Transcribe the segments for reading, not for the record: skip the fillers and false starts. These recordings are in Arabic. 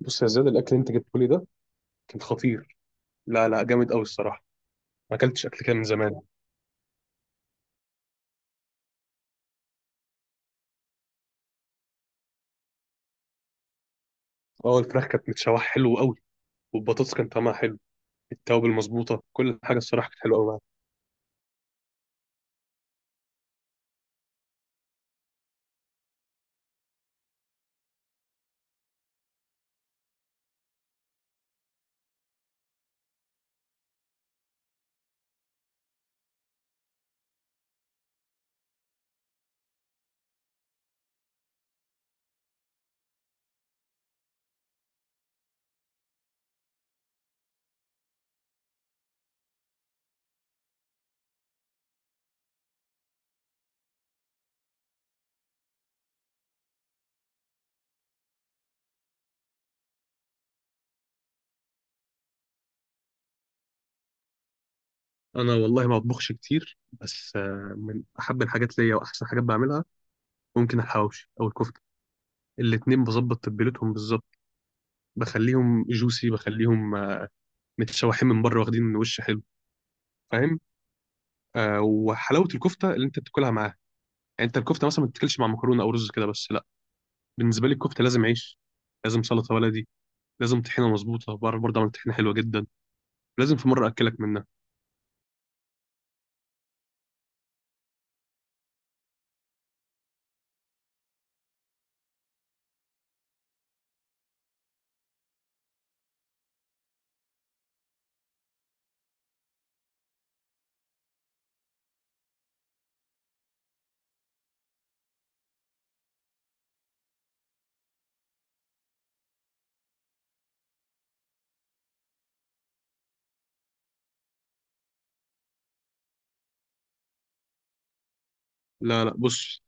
بص يا زياد، الاكل اللي انت جبته لي ده كان خطير. لا لا، جامد قوي الصراحه. ما اكلتش اكل كده من زمان. اه، الفراخ كانت متشوحه حلو قوي، والبطاطس كان طعمها حلو، التوابل المظبوطه، كل حاجه الصراحه كانت حلوه قوي معاك. انا والله ما بطبخش كتير، بس من احب الحاجات ليا واحسن حاجات بعملها، ممكن الحواوشي او الكفته. الاتنين بظبط تتبيلتهم بالظبط، بخليهم جوسي، بخليهم، متشوحين من بره واخدين وش حلو. فاهم؟ آه، وحلاوه الكفته اللي انت بتاكلها معاها، يعني انت الكفته مثلا ما بتاكلش مع مكرونه او رز كده بس؟ بالنسبه لي الكفته لازم عيش، لازم سلطه بلدي، لازم طحينه مظبوطه، بعرف برضه اعمل طحينه حلوه جدا، لازم في مره اكلك منها. لا لا، بص،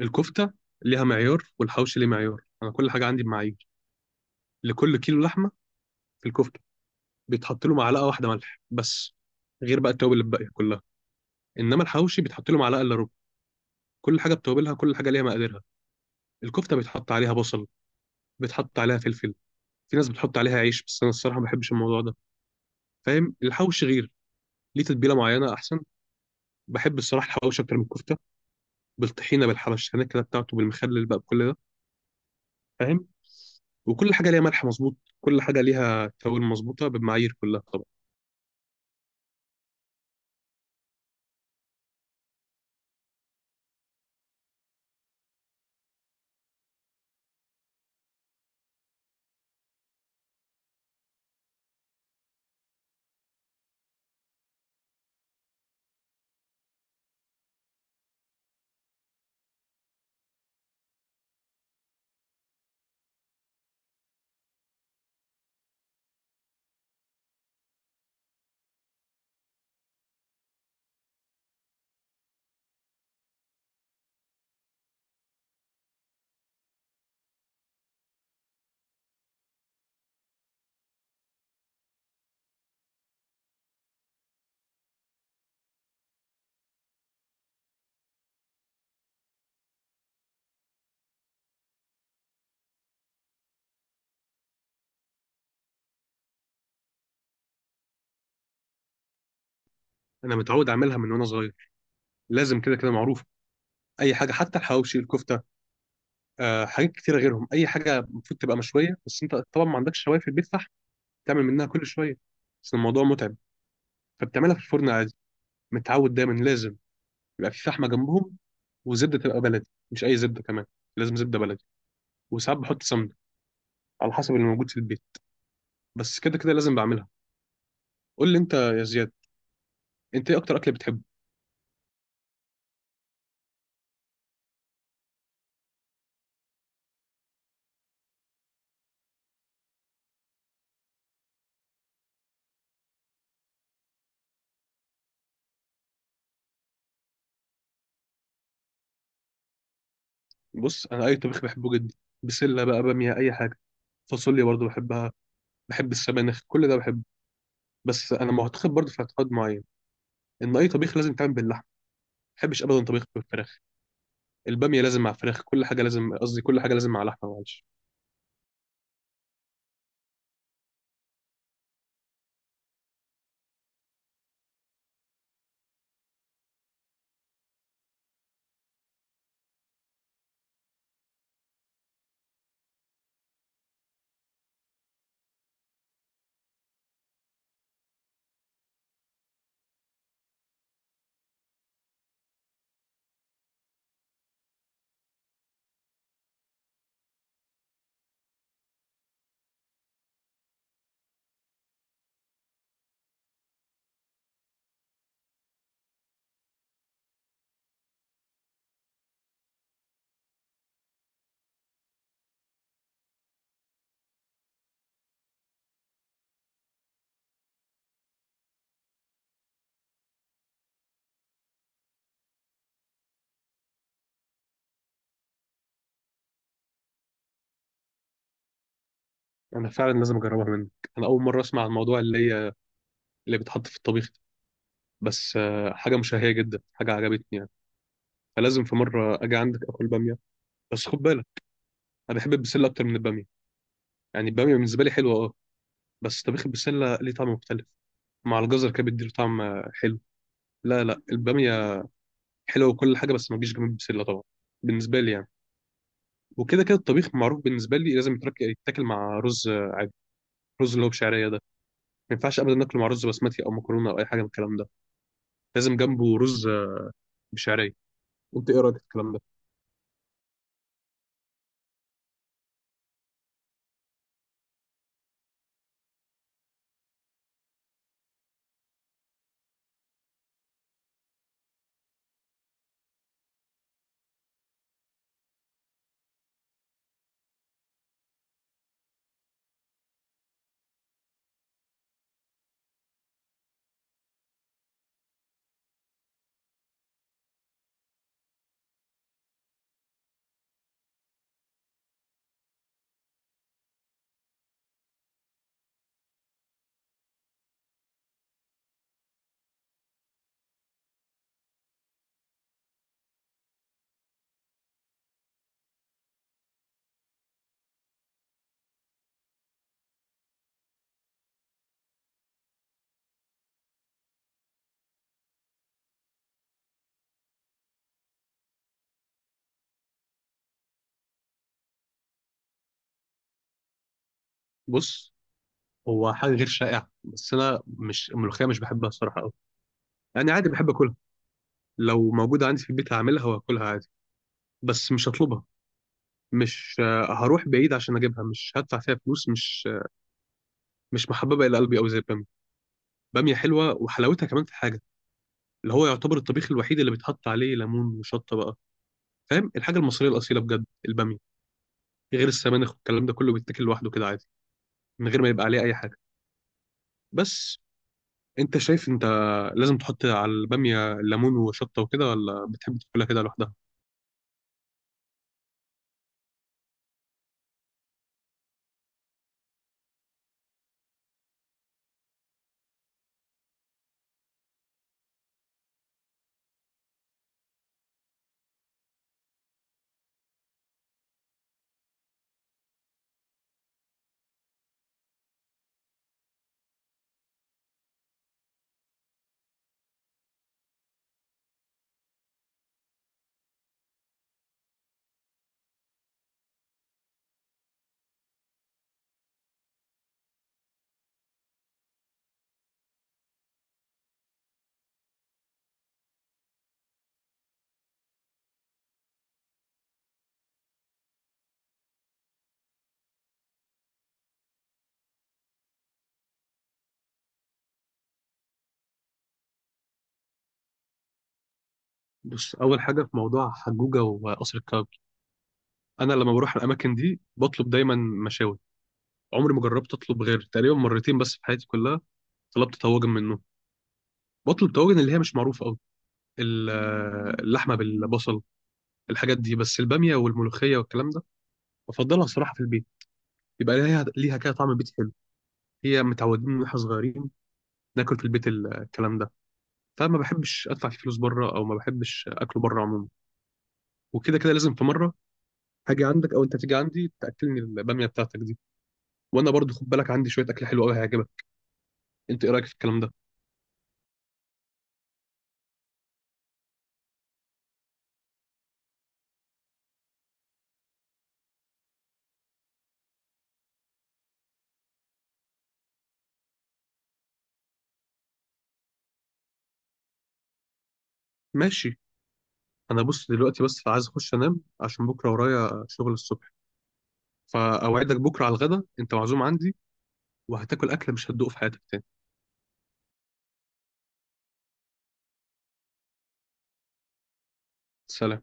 الكفته ليها معيار والحوشي ليه معيار، انا كل حاجه عندي بمعايير. لكل كيلو لحمه في الكفته بيتحط له معلقه واحده ملح بس، غير بقى التوابل الباقيه كلها. انما الحوشي بيتحط له معلقه الا ربع. كل حاجه بتوابلها، كل حاجه ليها مقاديرها. الكفته بيتحط عليها بصل، بيتحط عليها فلفل، في ناس بتحط عليها عيش بس انا الصراحه ما بحبش الموضوع ده. فاهم؟ الحوشي غير، ليه تتبيله معينه احسن. بحب الصراحه الحوشي اكتر من الكفته، بالطحينه، بالحبش هناكله بتاعته، بالمخلل بقى، بكل ده. فاهم؟ وكل حاجه ليها ملح مظبوط، كل حاجه ليها توابل مظبوطه بالمعايير كلها طبعا. انا متعود اعملها من وانا صغير، لازم كده كده معروف اي حاجه، حتى الحواوشي الكفته آه، حاجات كتيره غيرهم. اي حاجه المفروض تبقى مشويه، بس انت طبعا ما عندكش شوايه في البيت، صح؟ تعمل منها كل شويه بس الموضوع متعب، فبتعملها في الفرن عادي. متعود دايما لازم يبقى في فحمه جنبهم، وزبده تبقى بلدي، مش اي زبده كمان، لازم زبده بلدي. وساعات بحط سمنه، على حسب اللي موجود في البيت، بس كده كده لازم بعملها. قول لي انت يا زياد، انت ايه اكتر اكل بتحبه؟ بص، انا اي طبيخ بحبه جدا، بسله بقى، باميه، اي حاجه، فاصوليا برضو بحبها، بحب السبانخ، كل ده بحبه. بس انا معتقد برضو، في اعتقاد معين، ان اي طبيخ لازم يتعمل باللحمه، ما بحبش ابدا طبيخ بالفراخ. الباميه لازم مع فراخ، كل حاجه لازم، قصدي كل حاجه لازم مع لحمه، معلش. انا فعلا لازم اجربها منك، انا اول مره اسمع عن الموضوع اللي هي اللي بيتحط في الطبيخ ده، بس حاجه مشهيه جدا، حاجه عجبتني يعني، فلازم في مره اجي عندك اكل باميه. بس خد بالك، انا بحب البسله اكتر من الباميه، يعني الباميه بالنسبه لي حلوه اه، بس طبيخ البسلة ليه طعم مختلف، مع الجزر كده بيديله طعم حلو. لا لا، البامية حلوة وكل حاجة بس ما تجيش جنب البسلة طبعا، بالنسبة لي يعني. وكده كده الطبيخ معروف بالنسبة لي لازم يتاكل مع رز عادي، رز اللي هو بشعرية ده. ما ينفعش أبدا ناكله مع رز بسمتي أو مكرونة أو أي حاجة من الكلام ده، لازم جنبه رز بشعرية. أنت إيه رأيك في الكلام ده؟ بص، هو حاجة غير شائعة بس أنا مش الملوخية مش بحبها الصراحة أوي، يعني عادي بحب أكلها، لو موجودة عندي في البيت هعملها وهاكلها عادي، بس مش هطلبها، مش هروح بعيد عشان اجيبها، مش هدفع فيها فلوس، مش. مش محببه الى قلبي قوي زي الباميه. باميه حلوه، وحلاوتها كمان في حاجه، اللي هو يعتبر الطبيخ الوحيد اللي بيتحط عليه ليمون وشطه بقى. فاهم؟ الحاجه المصريه الاصيله بجد الباميه، غير السبانخ والكلام ده كله بيتاكل لوحده كده عادي، من غير ما يبقى عليه اي حاجه. بس انت شايف، انت لازم تحط على الباميه ليمون وشطه وكده، ولا بتحب تاكلها كده لوحدها؟ بص، اول حاجه في موضوع حجوجه وقصر الكبابجي، انا لما بروح الاماكن دي بطلب دايما مشاوي. عمري ما جربت اطلب غير تقريبا مرتين بس في حياتي كلها، طلبت طواجن منه. بطلب طواجن اللي هي مش معروفه قوي، اللحمه بالبصل، الحاجات دي. بس الباميه والملوخيه والكلام ده بفضلها الصراحه في البيت، يبقى ليها كده طعم بيت حلو. هي متعودين من واحنا صغيرين ناكل في البيت الكلام ده، فما بحبش ادفع فيه فلوس بره، او ما بحبش اكله بره عموما. وكده كده لازم في مره هاجي عندك، او انت تيجي عندي تاكلني الباميه بتاعتك دي. وانا برضو خد بالك عندي شويه اكل حلو قوي هيعجبك. انت ايه رايك في الكلام ده؟ ماشي. انا بص دلوقتي بس عايز اخش انام عشان بكره ورايا شغل الصبح، فاوعدك بكره على الغدا انت معزوم عندي، وهتاكل اكله مش هتدوق في حياتك تاني. سلام.